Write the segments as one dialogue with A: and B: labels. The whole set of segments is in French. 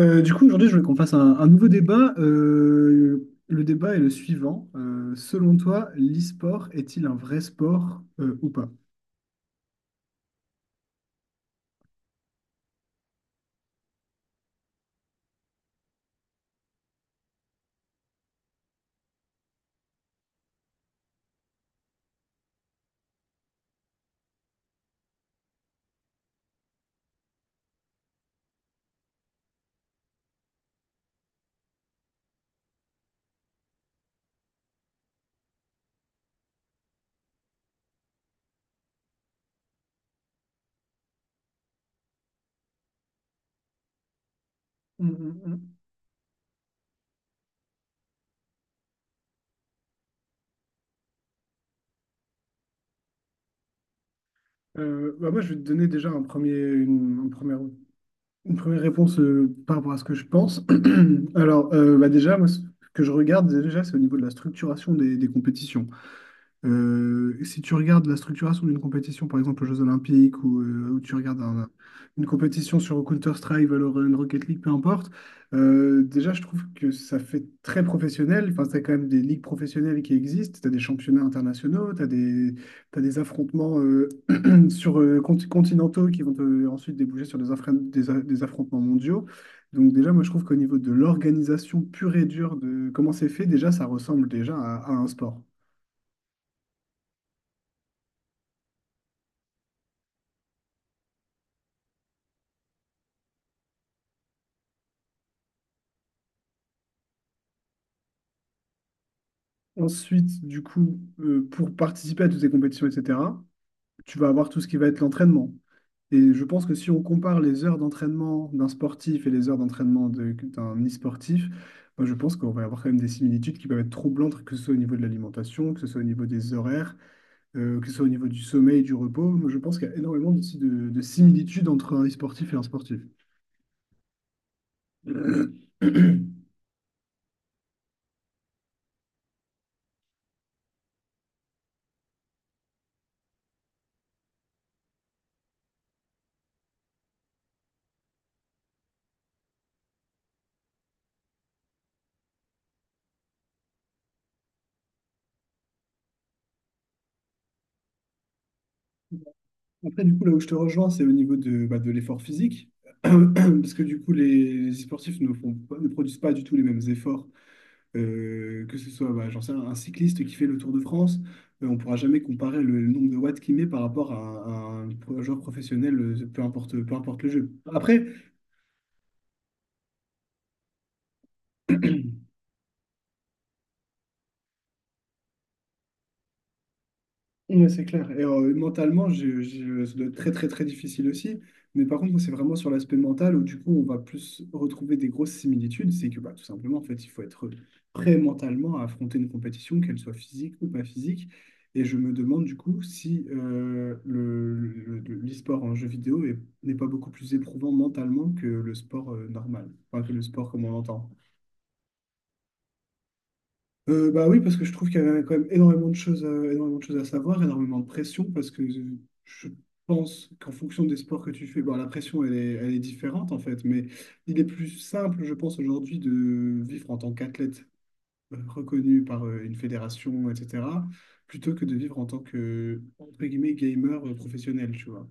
A: Aujourd'hui, je voulais qu'on fasse un nouveau débat. Le débat est le suivant. Selon toi, l'e-sport est-il un vrai sport ou pas? Mm, mm, mm. Moi, je vais te donner déjà une première réponse par rapport à ce que je pense. Déjà, moi, ce que je regarde déjà, c'est au niveau de la structuration des compétitions. Si tu regardes la structuration d'une compétition, par exemple aux Jeux Olympiques, ou tu regardes une compétition sur Counter-Strike, Valorant, Rocket League, peu importe, déjà je trouve que ça fait très professionnel. Enfin, c'est quand même des ligues professionnelles qui existent. Tu as des championnats internationaux, t'as des affrontements sur continentaux qui vont ensuite déboucher sur des, affren- des a- des affrontements mondiaux. Donc déjà, moi je trouve qu'au niveau de l'organisation pure et dure de comment c'est fait, déjà ça ressemble déjà à un sport. Ensuite, pour participer à toutes ces compétitions, etc., tu vas avoir tout ce qui va être l'entraînement. Et je pense que si on compare les heures d'entraînement d'un sportif et les heures d'entraînement d'un e-sportif, moi, je pense qu'on va avoir quand même des similitudes qui peuvent être troublantes, que ce soit au niveau de l'alimentation, que ce soit au niveau des horaires, que ce soit au niveau du sommeil, du repos. Moi, je pense qu'il y a énormément de similitudes entre un e-sportif et un sportif. Après, du coup, là où je te rejoins, c'est au niveau de, bah, de l'effort physique. Parce que du coup, les sportifs ne produisent pas du tout les mêmes efforts. Que ce soit, bah, j'en sais rien, un cycliste qui fait le Tour de France, on ne pourra jamais comparer le nombre de watts qu'il met par rapport à, un joueur professionnel, peu importe le jeu. Après, ouais, c'est clair. Et mentalement, ça doit être très, très, très difficile aussi. Mais par contre, c'est vraiment sur l'aspect mental où, du coup, on va plus retrouver des grosses similitudes. C'est que, bah, tout simplement, en fait, il faut être prêt mentalement à affronter une compétition, qu'elle soit physique ou pas physique. Et je me demande, du coup, si l'e-sport en jeu vidéo n'est pas beaucoup plus éprouvant mentalement que le sport normal, enfin, que le sport comme on l'entend. Bah oui, parce que je trouve qu'il y avait quand même énormément de choses à, énormément de choses à savoir, énormément de pression, parce que je pense qu'en fonction des sports que tu fais, bon, la pression, elle est différente en fait, mais il est plus simple, je pense, aujourd'hui de vivre en tant qu'athlète reconnu par une fédération, etc., plutôt que de vivre en tant que, entre guillemets, gamer professionnel, tu vois.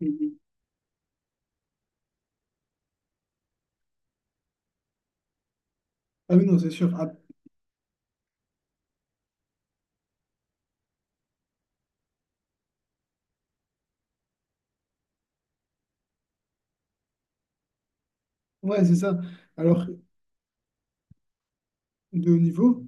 A: Mhm. Ah oui, non, c'est sûr. Ah, ouais, c'est ça. Alors, de haut niveau.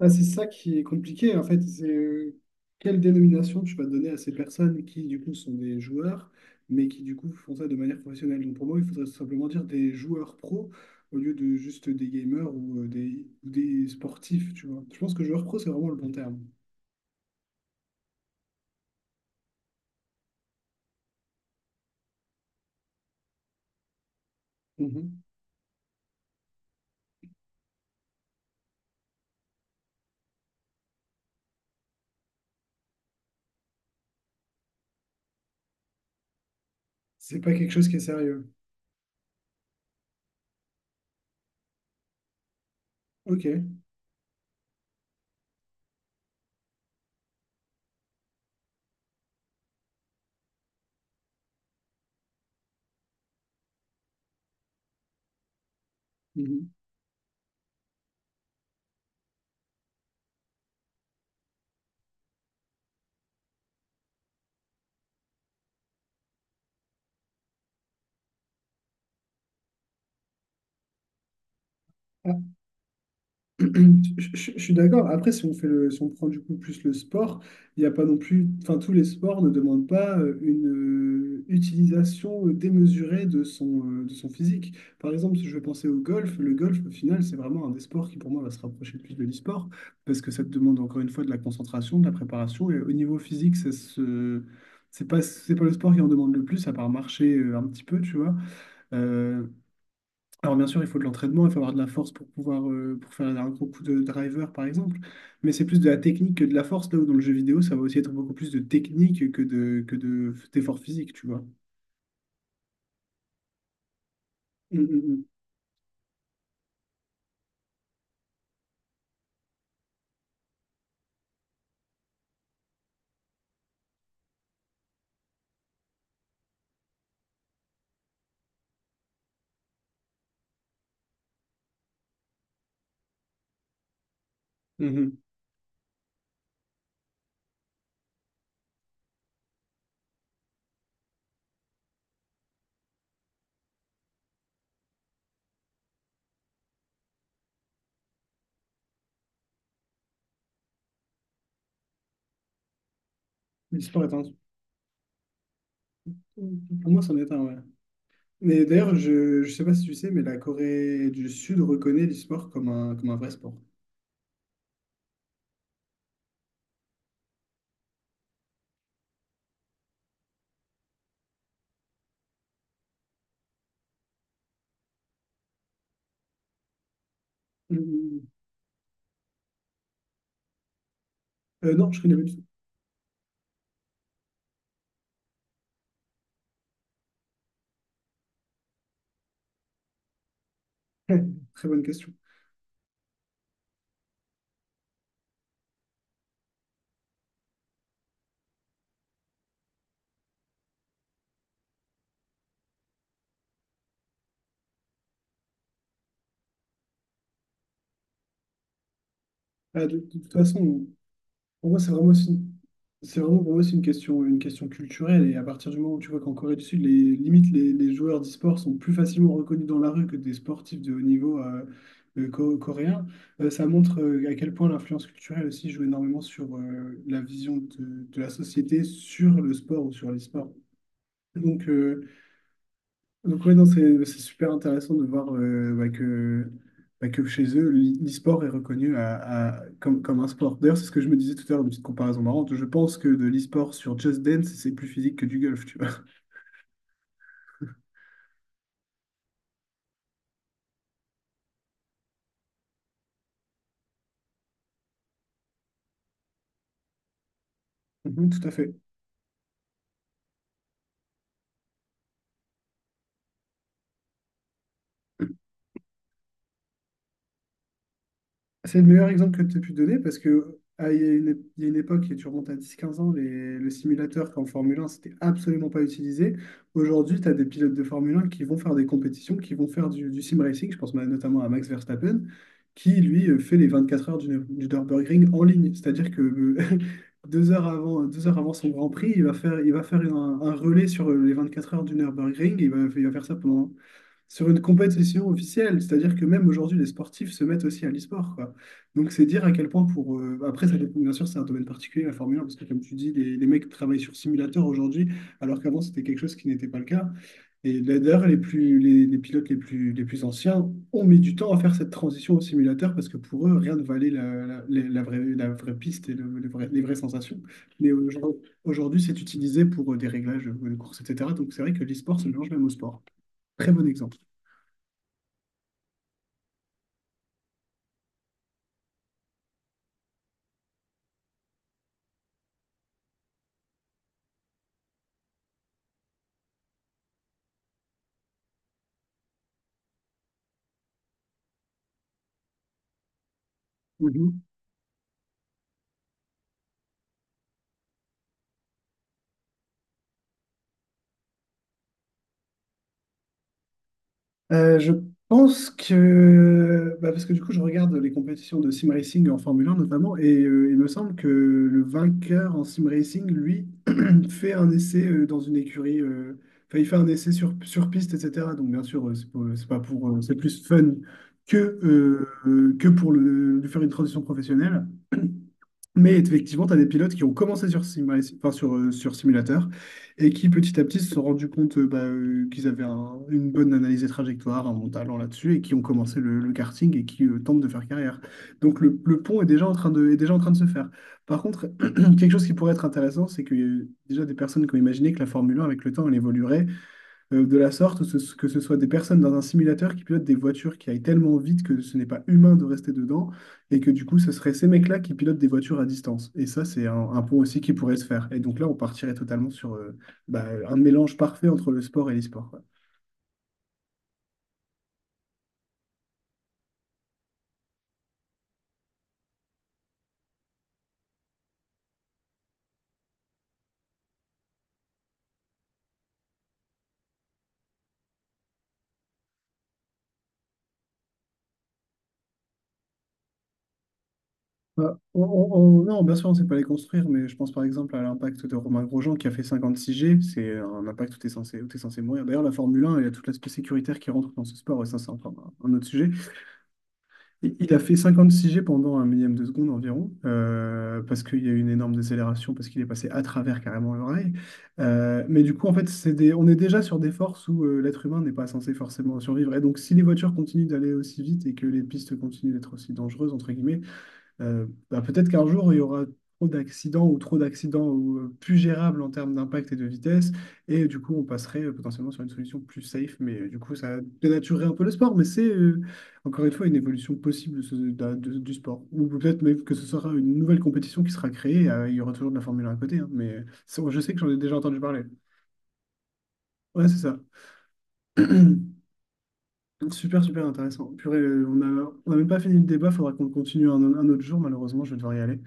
A: Ah, c'est ça qui est compliqué, en fait, c'est quelle dénomination tu vas donner à ces personnes qui, du coup, sont des joueurs, mais qui, du coup, font ça de manière professionnelle. Donc, pour moi, il faudrait simplement dire des joueurs pro au lieu de juste des gamers ou ou des sportifs, tu vois. Je pense que joueur pro, c'est vraiment le bon terme. Mhm. C'est pas quelque chose qui est sérieux. Ok. Mhm. Je suis d'accord. Après, si on prend du coup plus le sport, il n'y a pas non plus. Enfin, tous les sports ne demandent pas une utilisation démesurée de son physique. Par exemple, si je veux penser au golf, le golf, au final, c'est vraiment un des sports qui, pour moi, va se rapprocher le plus de l'e-sport parce que ça te demande encore une fois de la concentration, de la préparation. Et au niveau physique, ça se. C'est pas le sport qui en demande le plus, à part marcher un petit peu, tu vois. Euh, alors bien sûr, il faut de l'entraînement, il faut avoir de la force pour pouvoir pour faire un gros coup de driver par exemple, mais c'est plus de la technique que de la force là où dans le jeu vidéo, ça va aussi être beaucoup plus de technique que de d'effort physique, tu vois. Mm, mm, mm. Mhm. Le sport est un- Pour moi, c'en est un, ouais. Mais d'ailleurs, je sais pas si tu sais, mais la Corée du Sud reconnaît l'e-sport comme un vrai sport. Mm, mm, mm. Non, je connais pas du tout. Très bonne question. Ah, de toute façon, pour moi, c'est vraiment pour moi, c'est une question culturelle. Et à partir du moment où tu vois qu'en Corée du Sud, les limites, les joueurs d'e-sport sont plus facilement reconnus dans la rue que des sportifs de haut niveau coréens, ça montre à quel point l'influence culturelle aussi joue énormément sur la vision de la société sur le sport ou sur l'e-sport. Donc, euh, donc, ouais, non, c'est super intéressant de voir bah, que chez eux, l'e-sport est reconnu comme, comme un sport. D'ailleurs, c'est ce que je me disais tout à l'heure, une petite comparaison marrante. Je pense que de l'e-sport sur Just Dance, c'est plus physique que du golf, tu vois. Mhm, tout à fait. C'est le meilleur exemple que tu as pu donner parce que ah, il y a une époque, et tu remontes à 10-15 ans, le simulateur qu'en Formule 1, c'était absolument pas utilisé. Aujourd'hui, tu as des pilotes de Formule 1 qui vont faire des compétitions, qui vont faire du sim racing. Je pense notamment à Max Verstappen, qui lui fait les 24 heures du Nürburgring en ligne. C'est-à-dire que deux heures avant son Grand Prix, il va faire un relais sur les 24 heures du Nürburgring. Il va faire ça pendant sur une compétition officielle. C'est-à-dire que même aujourd'hui, les sportifs se mettent aussi à l'e-sport, quoi. Donc, c'est dire à quel point pour... Après, ça dépend, bien sûr, c'est un domaine particulier, la Formule 1, parce que comme tu dis, les mecs travaillent sur simulateur aujourd'hui, alors qu'avant, c'était quelque chose qui n'était pas le cas. Et là, d'ailleurs, les pilotes les plus anciens ont mis du temps à faire cette transition au simulateur, parce que pour eux, rien ne valait la vraie piste et les vraies sensations. Mais aujourd'hui, c'est utilisé pour des réglages de course, etc. Donc, c'est vrai que l'e-sport se mélange même au sport. Très bon exemple. Je pense que, bah, parce que du coup, je regarde les compétitions de sim racing en Formule 1 notamment, et il me semble que le vainqueur en sim racing, lui, fait un essai dans une écurie, enfin, il fait un essai sur piste, etc. Donc, bien sûr, c'est pas pour, c'est plus fun que, que pour lui faire une transition professionnelle. Mais effectivement, tu as des pilotes qui ont commencé sur, Sim enfin, sur simulateur et qui petit à petit se sont rendus compte qu'ils avaient une bonne analyse des trajectoires, un bon talent là-dessus et qui ont commencé le karting et qui tentent de faire carrière. Donc le pont est déjà en train est déjà en train de se faire. Par contre, quelque chose qui pourrait être intéressant, c'est qu'il y a eu déjà des personnes qui ont imaginé que la Formule 1 avec le temps, elle évoluerait de la sorte, que ce soit des personnes dans un simulateur qui pilotent des voitures qui aillent tellement vite que ce n'est pas humain de rester dedans, et que du coup, ce serait ces mecs-là qui pilotent des voitures à distance. Et ça, c'est un pont aussi qui pourrait se faire. Et donc là, on partirait totalement sur bah, un mélange parfait entre le sport et l'e-sport. Quoi. Bah, non, bien sûr, on ne sait pas les construire, mais je pense par exemple à l'impact de Romain Grosjean qui a fait 56 G. C'est un impact où tu es censé, où t'es censé mourir. D'ailleurs, la Formule 1, il y a tout l'aspect sécuritaire qui rentre dans ce sport, et ça, c'est encore un autre sujet. Il a fait 56 G pendant un millième de seconde environ, parce qu'il y a eu une énorme décélération, parce qu'il est passé à travers carrément l'oreille. Mais du coup, en fait, on est déjà sur des forces où l'être humain n'est pas censé forcément survivre. Et donc, si les voitures continuent d'aller aussi vite et que les pistes continuent d'être aussi dangereuses, entre guillemets, bah, peut-être qu'un jour, il y aura trop d'accidents ou, plus gérables en termes d'impact et de vitesse. Et du coup, on passerait potentiellement sur une solution plus safe. Mais du coup, ça dénaturerait un peu le sport. Mais encore une fois, une évolution possible de du sport. Ou peut-être même que ce sera une nouvelle compétition qui sera créée. Il y aura toujours de la Formule 1 à côté. Hein, mais je sais que j'en ai déjà entendu parler. Ouais, c'est ça. Super, super intéressant. Purée, on a même pas fini le débat, faudra qu'on le continue un autre jour, malheureusement, je vais devoir y aller.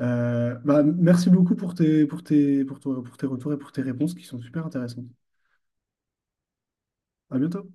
A: Merci beaucoup pour tes retours et pour tes réponses qui sont super intéressantes. À bientôt.